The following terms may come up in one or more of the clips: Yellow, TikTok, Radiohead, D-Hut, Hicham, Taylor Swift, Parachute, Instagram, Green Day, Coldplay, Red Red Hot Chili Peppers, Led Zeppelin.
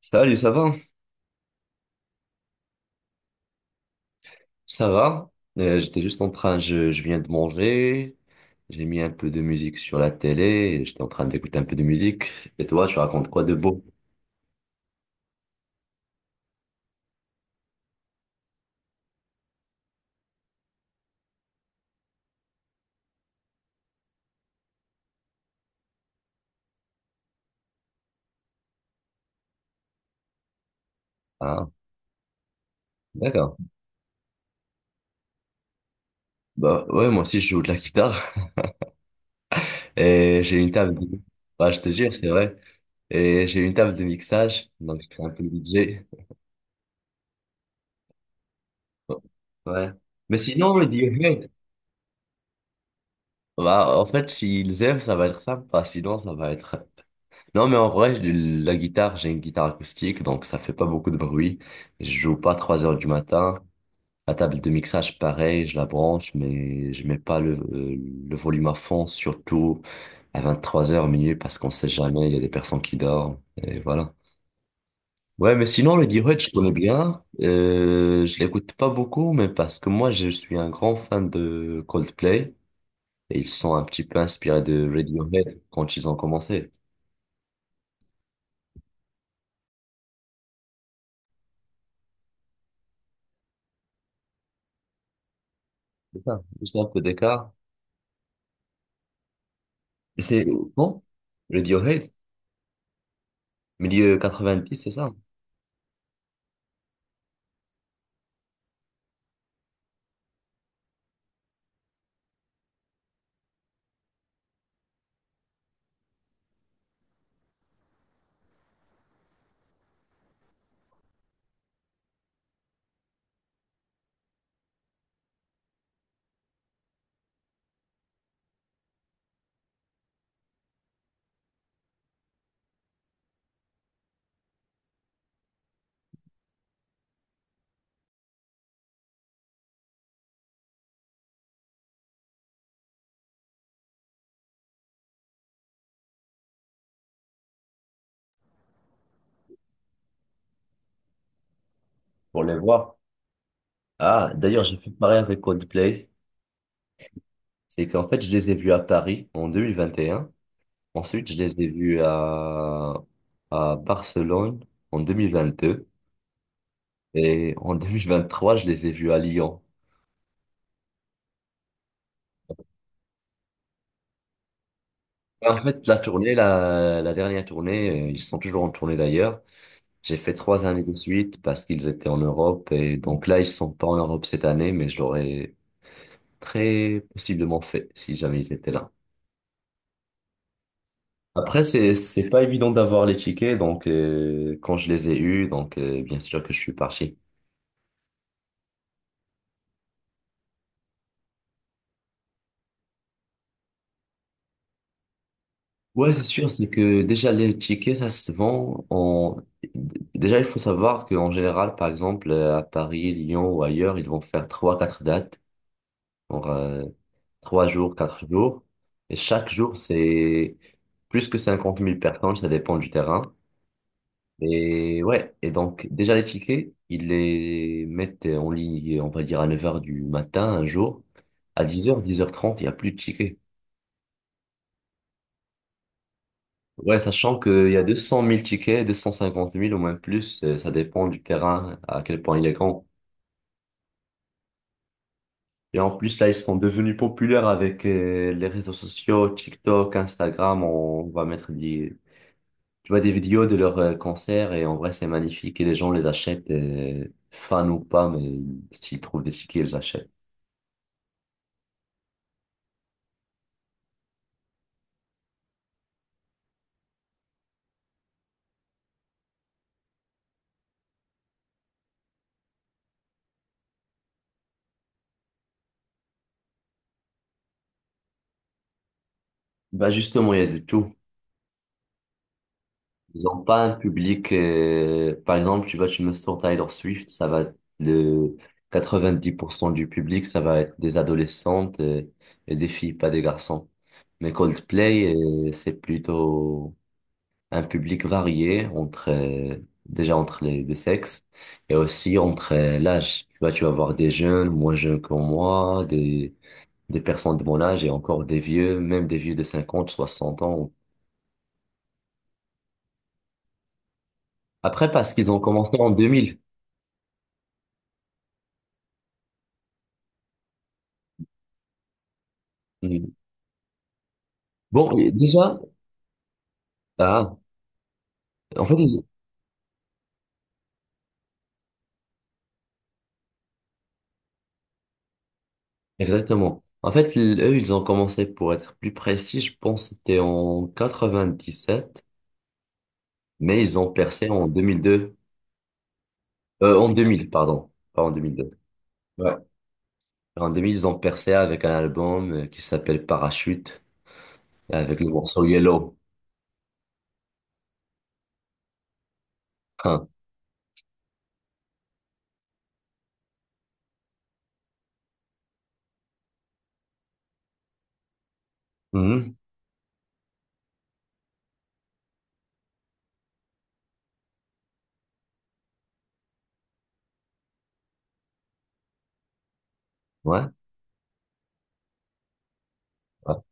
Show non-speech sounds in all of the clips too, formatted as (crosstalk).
Salut, ça va? Ça va? J'étais juste en train, je viens de manger, j'ai mis un peu de musique sur la télé, et j'étais en train d'écouter un peu de musique. Et toi, tu racontes quoi de beau? Ah, d'accord. Bah ouais, moi aussi je joue de la guitare (laughs) et j'ai une table de... Bah, je te jure, c'est vrai. Et j'ai une table de mixage, donc je fais un peu de DJ. Ouais. Mais sinon, le Radiohead, bah en fait, s'ils aiment, ça va être sympa, sinon ça va être. Non, mais en vrai, la guitare, j'ai une guitare acoustique, donc ça fait pas beaucoup de bruit. Je joue pas à 3 heures du matin. La table de mixage, pareil, je la branche, mais je mets pas le volume à fond, surtout à 23 heures minuit, parce qu'on sait jamais, il y a des personnes qui dorment, et voilà. Ouais, mais sinon, le D-Hut, je connais bien. Je l'écoute pas beaucoup, mais parce que moi, je suis un grand fan de Coldplay, et ils sont un petit peu inspirés de Radiohead quand ils ont commencé. C'est ça, juste un peu d'écart. Et c'est bon, Radiohead, milieu 90 c'est ça? Pour les voir. Ah, d'ailleurs, j'ai fait pareil avec Coldplay. C'est qu'en fait, je les ai vus à Paris en deux mille vingt et un. Ensuite, je les ai vus à Barcelone en deux mille vingt deux. Et en 2023 je les ai vus à Lyon. En fait, la tournée, la dernière tournée, ils sont toujours en tournée d'ailleurs. J'ai fait trois années de suite parce qu'ils étaient en Europe. Et donc là, ils sont pas en Europe cette année, mais je leur ai très possiblement fait, si jamais ils étaient là. Après, c'est pas évident d'avoir les tickets, donc quand je les ai eus, donc bien sûr que je suis parti. Ouais, c'est sûr, c'est que déjà les tickets, ça se vend en... Déjà, il faut savoir qu'en général, par exemple, à Paris, Lyon ou ailleurs, ils vont faire trois, quatre dates, pour trois jours, quatre jours. Et chaque jour, c'est plus que cinquante mille personnes, ça dépend du terrain. Et ouais, et donc déjà les tickets, ils les mettent en ligne, on va dire à neuf heures du matin un jour. À dix heures trente, il n'y a plus de tickets. Ouais, sachant qu'il y a deux cent mille tickets, deux cent cinquante mille au moins plus, ça dépend du terrain, à quel point il est grand. Et en plus, là, ils sont devenus populaires avec les réseaux sociaux, TikTok, Instagram, on va mettre des, tu vois, des vidéos de leurs concerts et en vrai, c'est magnifique et les gens les achètent, fans ou pas, mais s'ils trouvent des tickets, ils achètent. Bah justement, il y a du tout. Ils ont pas un public. Par exemple, tu vois tu me sors Taylor Swift, ça va le 90% du public, ça va être des adolescentes et, des filles, pas des garçons. Mais Coldplay, c'est plutôt un public varié entre déjà entre les deux sexes et aussi entre l'âge. Tu vois, tu vas voir des jeunes, moins jeunes que moi, des personnes de mon âge et encore des vieux, même des vieux de 50, 60 ans. Après, parce qu'ils ont commencé en 2000. Mm. Bon, et déjà, ah, en fait, exactement. En fait, eux, ils ont commencé, pour être plus précis, je pense que c'était en 97, mais ils ont percé en 2002. En 2000, pardon. Pas en 2002. Ouais. En 2000, ils ont percé avec un album qui s'appelle Parachute, et avec le morceau Yellow. Hein. Mhm. Ouais. Ouais.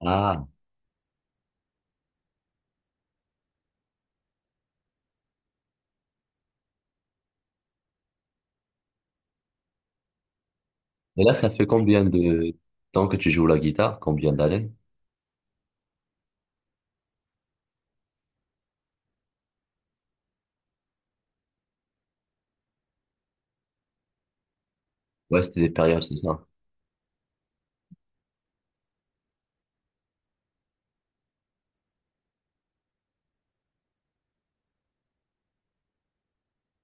Ah. Et là, ça fait combien de temps que tu joues la guitare? Combien d'années? Ouais, c'était des périodes, c'est ça.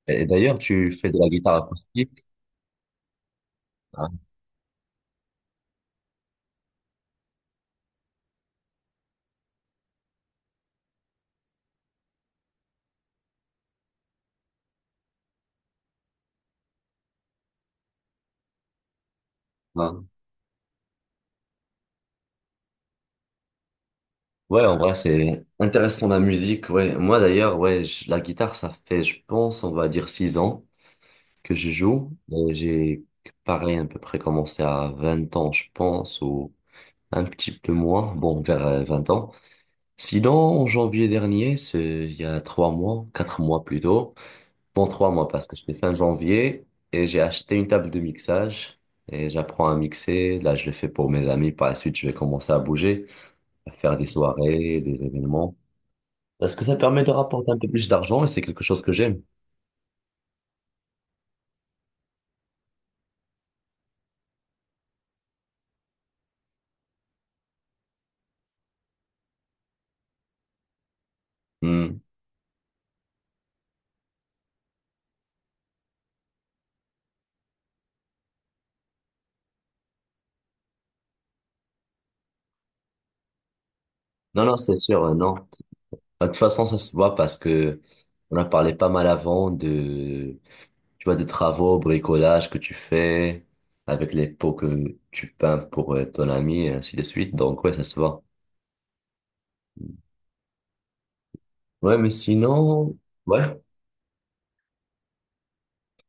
Et d'ailleurs, tu fais de la guitare acoustique. Hein, hein. Ouais, en vrai, c'est intéressant la musique. Ouais, moi d'ailleurs, ouais, la guitare, ça fait, je pense, on va dire six ans que je joue. Et j'ai, pareil, à peu près commencé à 20 ans, je pense, ou un petit peu moins. Bon, vers 20 ans. Sinon, en janvier dernier, c'est il y a trois mois, quatre mois plutôt. Bon, trois mois parce que je fais fin janvier et j'ai acheté une table de mixage et j'apprends à mixer. Là, je le fais pour mes amis. Par la suite, je vais commencer à bouger, à faire des soirées, des événements. Parce que ça permet de rapporter un peu plus d'argent et c'est quelque chose que j'aime. Hmm. Non, non, c'est sûr, non. Bah, de toute façon, ça se voit parce que on a parlé pas mal avant de, tu vois, de travaux, bricolage que tu fais avec les pots que tu peins pour ton ami et ainsi de suite. Donc, ouais, ça se voit. Ouais, mais sinon, ouais.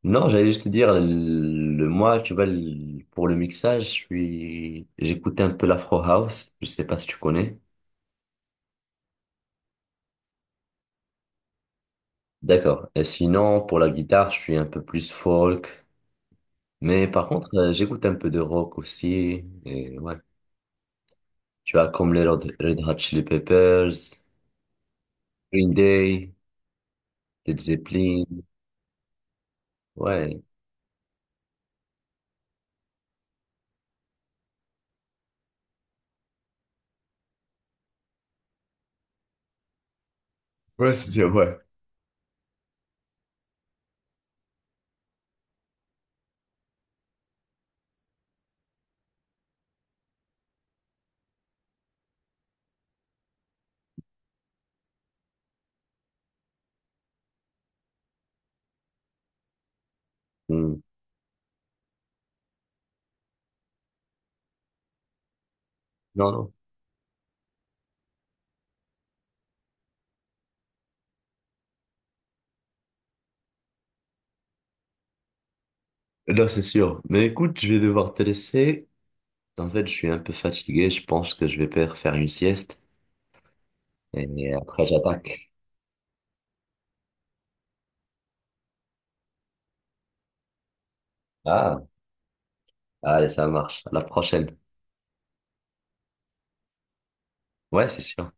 Non, j'allais juste te dire, le, moi, tu vois, pour le mixage, je suis, j'écoute un peu l'Afro House. Je sais pas si tu connais. D'accord. Et sinon, pour la guitare, je suis un peu plus folk. Mais par contre, j'écoute un peu de rock aussi. Et ouais. Tu vois, comme les Red Hot Chili Peppers, Green Day, Led Zeppelin. Ouais. Ouais, c'est sûr, ouais. Hmm. Non, non. Non, c'est sûr. Mais écoute, je vais devoir te laisser. En fait, je suis un peu fatigué. Je pense que je vais faire faire une sieste. Et après, j'attaque. Ah, allez, ça marche. À la prochaine. Ouais, c'est sûr.